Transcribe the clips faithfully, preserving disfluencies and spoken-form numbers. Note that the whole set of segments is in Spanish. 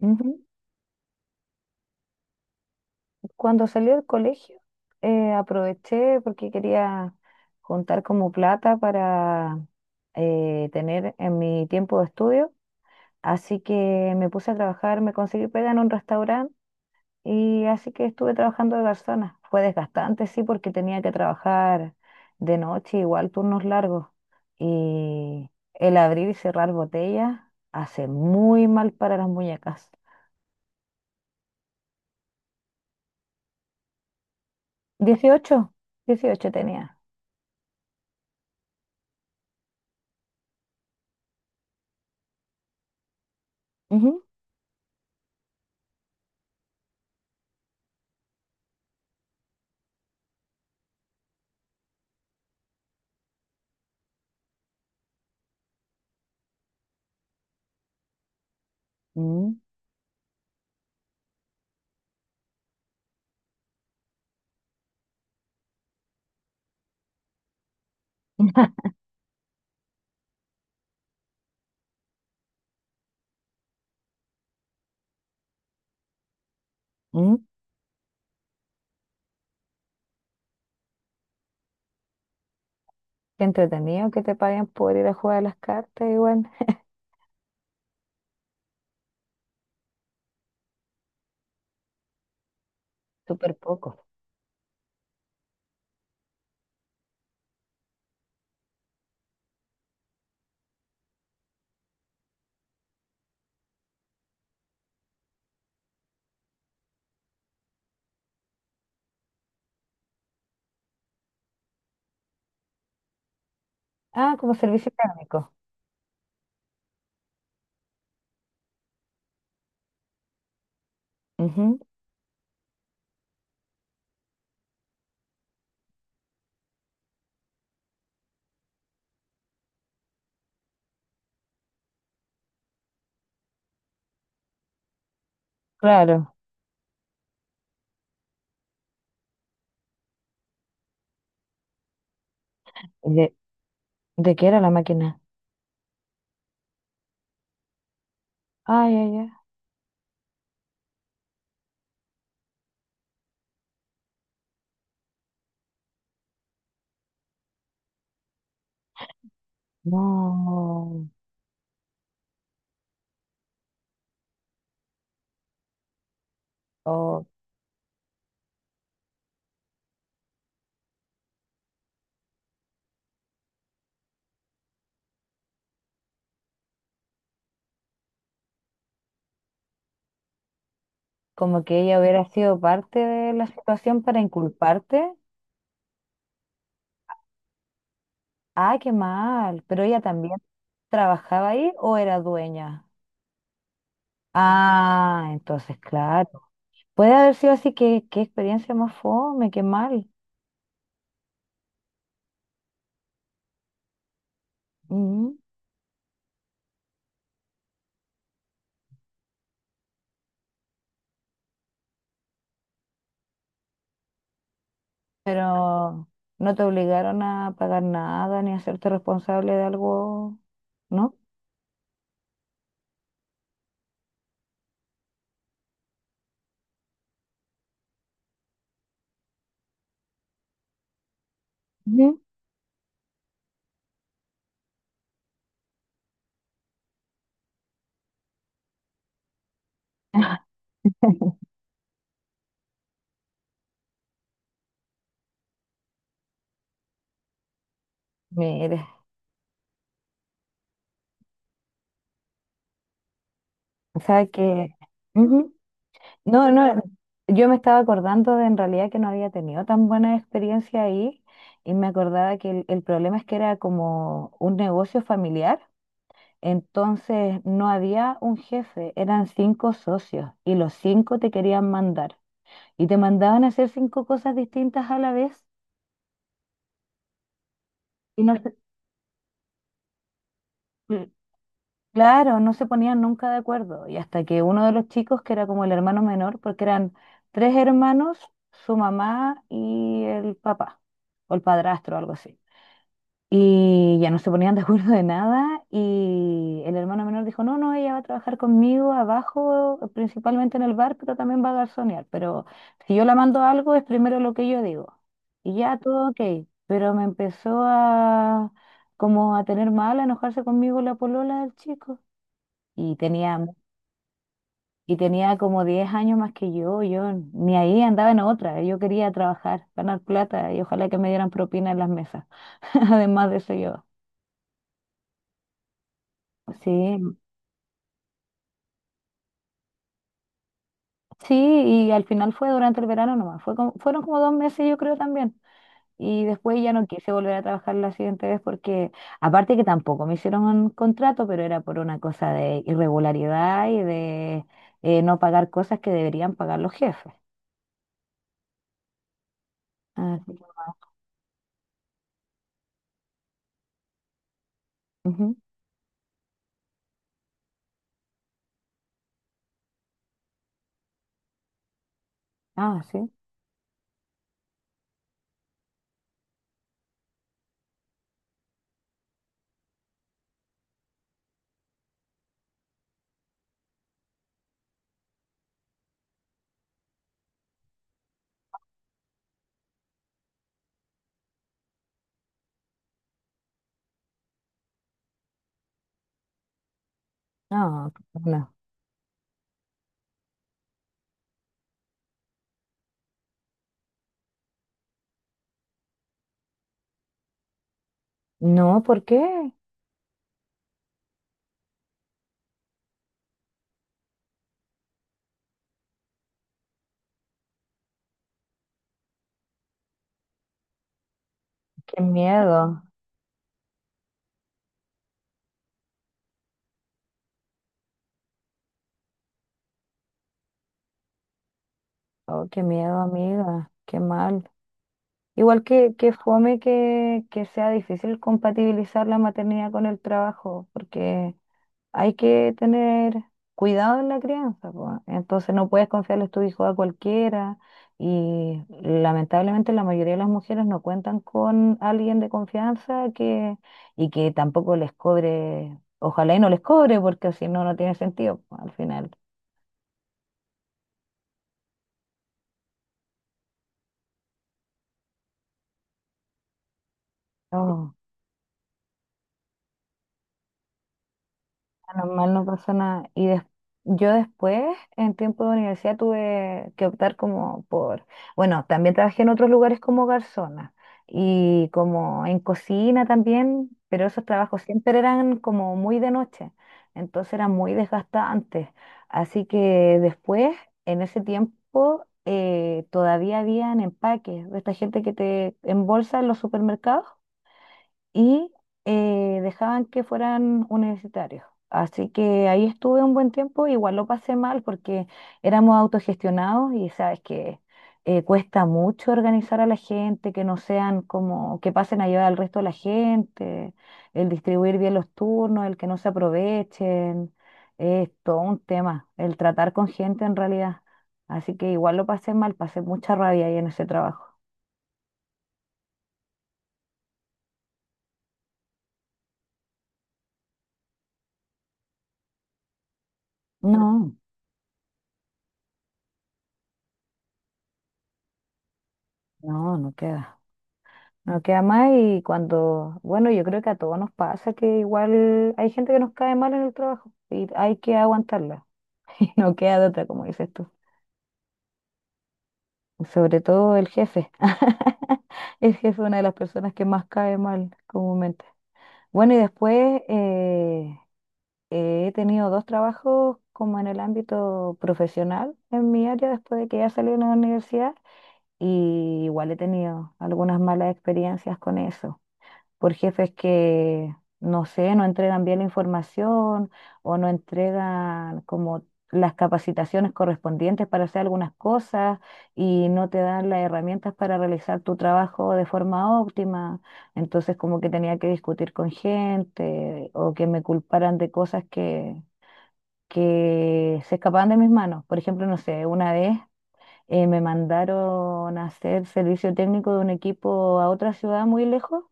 Ujú. Cuando salí del colegio, eh, aproveché porque quería juntar como plata para eh, tener en mi tiempo de estudio. Así que me puse a trabajar, me conseguí pega en un restaurante y así que estuve trabajando de garzona. Fue desgastante, sí, porque tenía que trabajar de noche, igual turnos largos. Y el abrir y cerrar botellas hace muy mal para las muñecas. Dieciocho, dieciocho tenía. Ujú. Mm. Qué entretenido que te paguen por ir a jugar a las cartas, igual. Súper poco. Ah, como servicio técnico. Ujú. Claro. ¿Y ¿De, de qué era la máquina? Ay, ay, ay. No. O como que ella hubiera sido parte de la situación para inculparte. Ah, qué mal. ¿Pero ella también trabajaba ahí o era dueña? Ah, entonces, claro. Puede haber sido así, que qué experiencia más fome, qué mal. Ujú. ¿Pero no te obligaron a pagar nada ni a hacerte responsable de algo, no? Ujú. Mire, o sea que... ujú. No, no, yo me estaba acordando de en realidad que no había tenido tan buena experiencia ahí y me acordaba que el, el problema es que era como un negocio familiar, entonces no había un jefe, eran cinco socios y los cinco te querían mandar y te mandaban a hacer cinco cosas distintas a la vez y no, se- Claro, no se ponían nunca de acuerdo. Y hasta que uno de los chicos, que era como el hermano menor, porque eran tres hermanos, su mamá y el papá, o el padrastro, algo así. Y ya no se ponían de acuerdo de nada. Y el hermano menor dijo, no, no, ella va a trabajar conmigo abajo, principalmente en el bar, pero también va a garzonear. Pero si yo la mando a algo, es primero lo que yo digo. Y ya todo ok. Pero me empezó a como a tener mal, a enojarse conmigo la polola del chico y tenía, mu- y tenía como diez años más que yo, yo ni ahí andaba en otra, yo quería trabajar, ganar plata y ojalá que me dieran propina en las mesas, además de eso yo. Sí, sí, y al final fue durante el verano nomás, fue como- fueron como dos meses yo creo también. Y después ya no quise volver a trabajar la siguiente vez porque, aparte que tampoco me hicieron un contrato, pero era por una cosa de irregularidad y de eh, no pagar cosas que deberían pagar los jefes. Así que, ujú. Ah, sí. No, no. No, ¿por qué? Qué miedo. Oh, qué miedo, amiga. Qué mal. Igual que, que fome que, que sea difícil compatibilizar la maternidad con el trabajo, porque hay que tener cuidado en la crianza, po. Entonces no puedes confiarles tu hijo a cualquiera y lamentablemente la mayoría de las mujeres no cuentan con alguien de confianza que, y que tampoco les cobre, ojalá y no les cobre, porque si no, no tiene sentido, po, al final. Normal, no pasa nada. Y des- yo después, en tiempo de universidad, tuve que optar como por, bueno, también trabajé en otros lugares como garzona y como en cocina también, pero esos trabajos siempre eran como muy de noche, entonces era muy desgastante. Así que después, en ese tiempo, eh, todavía habían empaques de esta gente que te embolsa en los supermercados y eh, dejaban que fueran universitarios. Así que ahí estuve un buen tiempo, igual lo pasé mal porque éramos autogestionados y sabes que eh, cuesta mucho organizar a la gente, que no sean como, que pasen a llevar al resto de la gente, el distribuir bien los turnos, el que no se aprovechen, es todo un tema, el tratar con gente en realidad. Así que igual lo pasé mal, pasé mucha rabia ahí en ese trabajo. No, no, no queda. No queda más y cuando, bueno, yo creo que a todos nos pasa que igual hay gente que nos cae mal en el trabajo y hay que aguantarla y no queda de otra, como dices tú. Sobre todo el jefe. El jefe es una de las personas que más cae mal comúnmente. Bueno, y después eh, he tenido dos trabajos como en el ámbito profesional en mi área después de que ya salí de la universidad y igual he tenido algunas malas experiencias con eso, por jefes que, no sé, no entregan bien la información o no entregan como las capacitaciones correspondientes para hacer algunas cosas y no te dan las herramientas para realizar tu trabajo de forma óptima. Entonces como que tenía que discutir con gente o que me culparan de cosas que, que se escapaban de mis manos. Por ejemplo, no sé, una vez eh, me mandaron a hacer servicio técnico de un equipo a otra ciudad muy lejos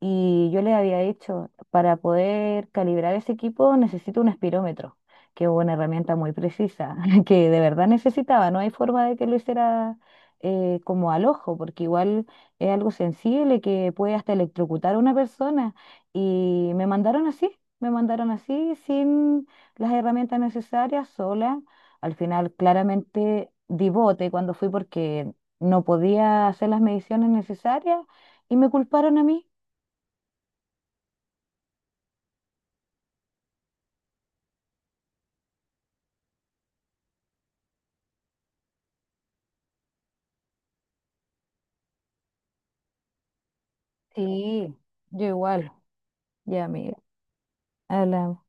y yo le había dicho, para poder calibrar ese equipo necesito un espirómetro, que es una herramienta muy precisa, que de verdad necesitaba. No hay forma de que lo hiciera eh, como al ojo, porque igual es algo sensible que puede hasta electrocutar a una persona. Y me mandaron así, me mandaron así, sin las herramientas necesarias, sola. Al final, claramente di bote cuando fui porque no podía hacer las mediciones necesarias y me culparon a mí. Sí, yo igual. Ya, amiga, hablamos.